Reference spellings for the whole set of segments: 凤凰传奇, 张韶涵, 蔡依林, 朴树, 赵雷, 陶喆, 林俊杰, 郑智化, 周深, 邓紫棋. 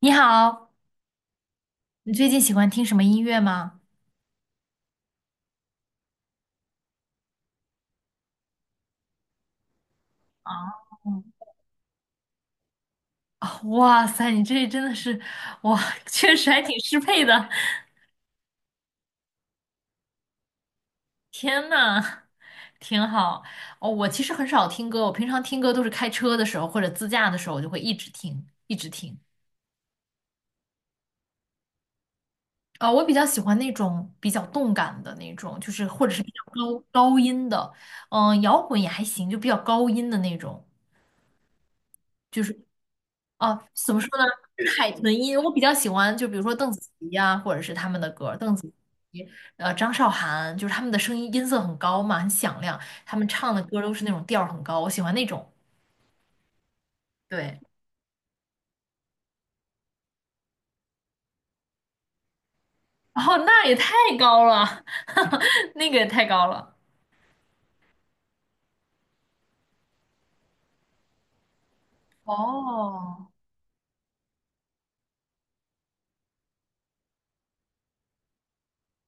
你好，你最近喜欢听什么音乐吗？嗯。啊哇塞，你这真的是，哇，确实还挺适配的。天呐，挺好。哦，我其实很少听歌，我平常听歌都是开车的时候或者自驾的时候，我就会一直听，一直听。啊、我比较喜欢那种比较动感的那种，就是或者是比较高音的，嗯、摇滚也还行，就比较高音的那种。就是。哦，怎么说呢？海豚音，我比较喜欢，就比如说邓紫棋呀、或者是他们的歌邓紫棋，张韶涵，就是他们的声音音色很高嘛，很响亮，他们唱的歌都是那种调儿很高，我喜欢那种。对，哦，那也太高了，那个也太高了。哦，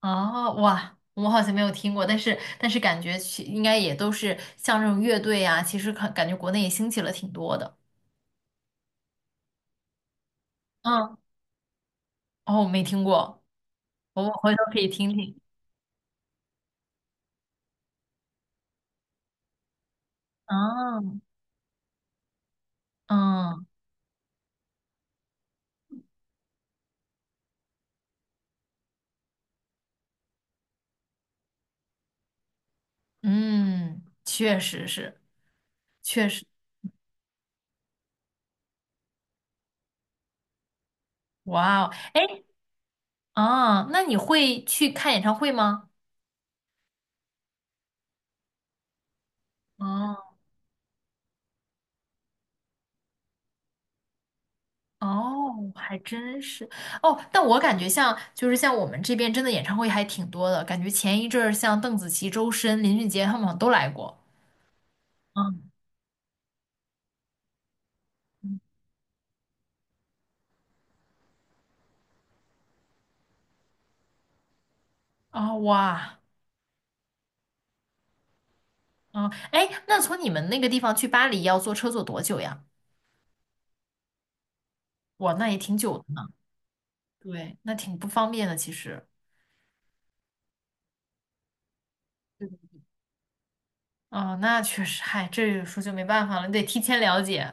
哦，哇，我好像没有听过，但是感觉其应该也都是像这种乐队呀、其实感觉国内也兴起了挺多的。嗯，哦，我没听过，我们回头可以听听。啊。嗯嗯，确实是，确实，哇哦，哎，啊，那你会去看演唱会吗？哦哦，还真是。哦，但我感觉像就是像我们这边真的演唱会还挺多的，感觉前一阵儿像邓紫棋、周深、林俊杰他们好像都来过。嗯嗯，哦哇，哦哎，那从你们那个地方去巴黎要坐车坐多久呀？哇，那也挺久的呢。对，那挺不方便的，其实。哦，那确实，嗨，这有时候就没办法了，你得提前了解。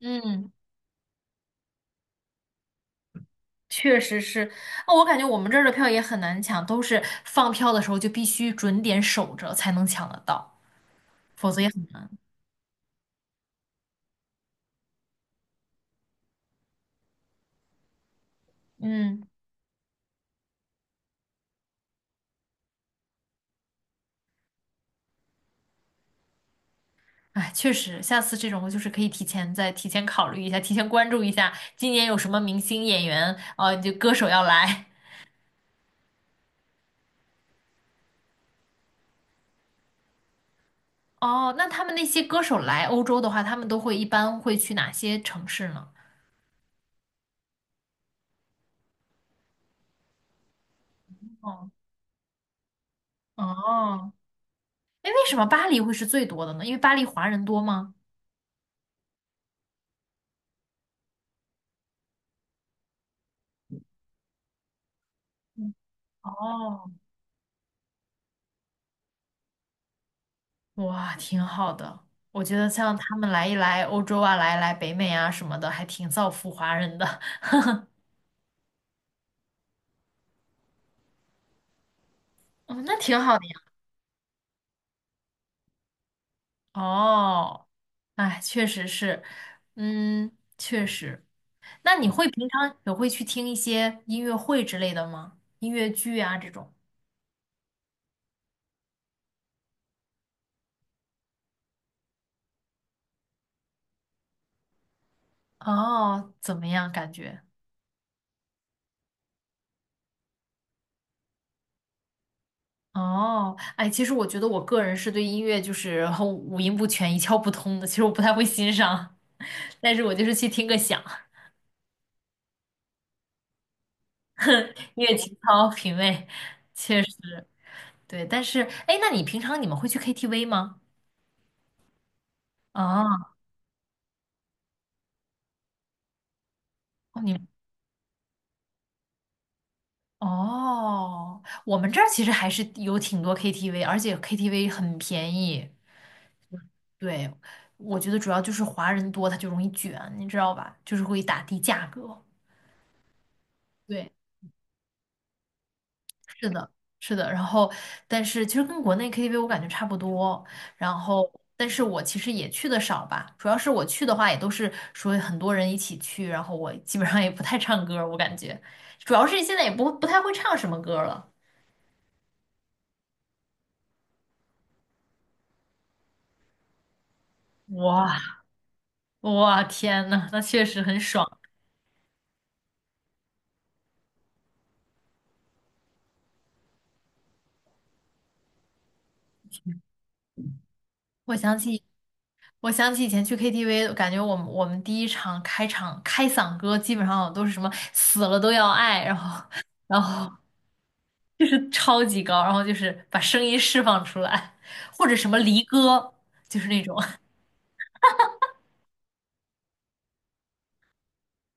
嗯，确实是。哦，我感觉我们这儿的票也很难抢，都是放票的时候就必须准点守着才能抢得到，否则也很难。嗯，哎，确实，下次这种就是可以提前再提前考虑一下，提前关注一下今年有什么明星演员，啊，就歌手要来。哦，那他们那些歌手来欧洲的话，他们都会一般会去哪些城市呢？哦，哦，哎，为什么巴黎会是最多的呢？因为巴黎华人多吗？嗯哦，哇，挺好的。我觉得像他们来一来欧洲啊，来一来北美啊什么的，还挺造福华人的。哦，那挺好的呀。哦，哎，确实是，嗯，确实。那你会平常也会去听一些音乐会之类的吗？音乐剧啊这种？哦，怎么样感觉？哦，哎，其实我觉得我个人是对音乐就是很五音不全、一窍不通的，其实我不太会欣赏，但是我就是去听个响，音乐情操品味，确实对。但是，哎，那你平常你们会去 KTV 吗？啊，哦你哦，我们这儿其实还是有挺多 KTV，而且 KTV 很便宜。对，我觉得主要就是华人多，他就容易卷，你知道吧？就是会打低价格。对，是的，是的，然后但是其实跟国内 KTV 我感觉差不多，然后但是我其实也去的少吧，主要是我去的话也都是说很多人一起去，然后我基本上也不太唱歌儿我感觉主要是现在也不太会唱什么歌儿了。哇哇天呐，那确实很爽。我想起我想起以前去 KTV，感觉我们第一场开场开嗓歌基本上都是什么死了都要爱，然后。然后就是超级高，然后就是把声音释放出来，或者什么离歌，就是那种，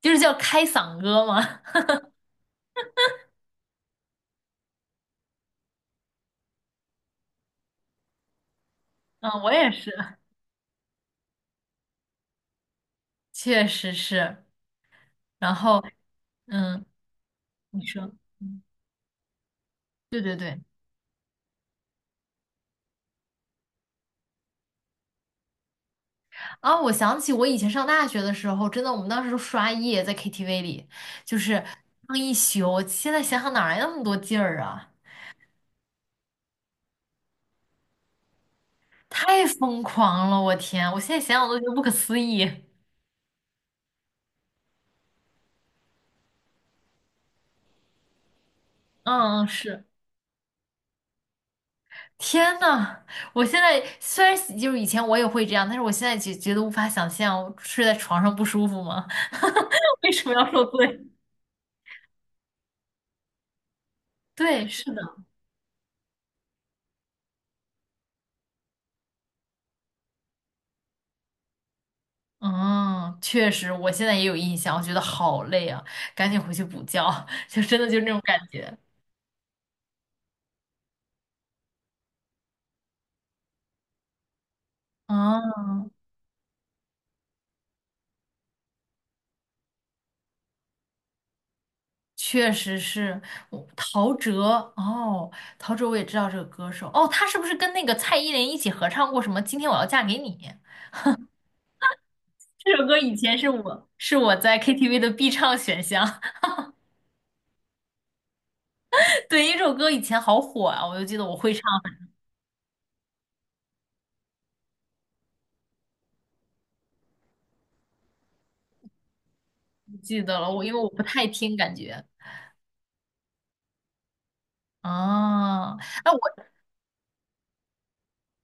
就是叫开嗓歌嘛。嗯，我也是，确实是。然后，嗯，你说，嗯，对对对，啊，我想起我以前上大学的时候，真的，我们当时都刷夜在 KTV 里，就是唱一宿。现在想想哪来那么多劲儿啊？太疯狂了，我天！我现在想想都觉得不可思议。嗯，嗯是。天呐，我现在虽然喜就是以前我也会这样，但是我现在就觉得无法想象睡在床上不舒服吗？为什么要受罪？对，是的，嗯，确实，我现在也有印象，我觉得好累啊，赶紧回去补觉，就真的就是那种感觉。嗯，确实是，我陶喆哦，陶喆我也知道这个歌手哦，他是不是跟那个蔡依林一起合唱过什么《今天我要嫁给你》？这首歌以前是我在 KTV 的必唱选项。对，因为这首歌以前好火啊，我就记得我会唱，不记得了。我因为我不太听，感觉啊，那我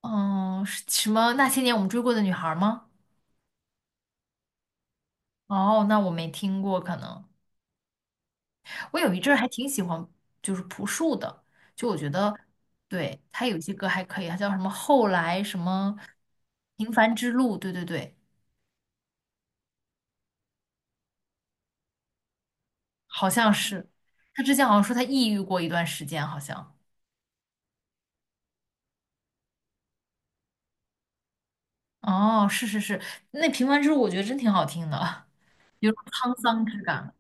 嗯，是什么那些年我们追过的女孩吗？哦，那我没听过，可能我有一阵儿还挺喜欢，就是朴树的，就我觉得对他有一些歌还可以，他叫什么后来什么平凡之路，对对对，好像是他之前好像说他抑郁过一段时间，好像哦，是是是，那平凡之路我觉得真挺好听的，有种沧桑之感。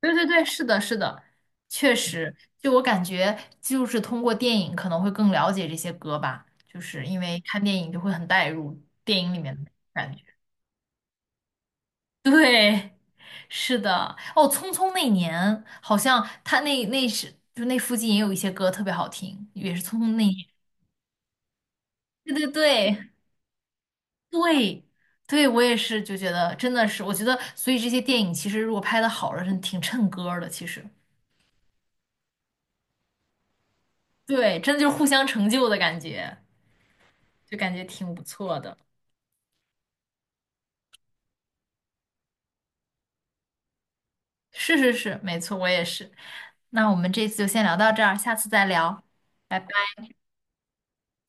对对对，是的，是的，确实，就我感觉，就是通过电影可能会更了解这些歌吧，就是因为看电影就会很带入电影里面的感觉。对，是的，哦，《匆匆那年》好像他那是就那附近也有一些歌特别好听，也是《匆匆那年》。对对对对对，我也是就觉得真的是，我觉得所以这些电影其实如果拍的好了，真挺衬歌儿的，其实对，真的就是互相成就的感觉。就感觉挺不错的。是是是，没错，我也是。那我们这次就先聊到这儿，下次再聊，拜拜。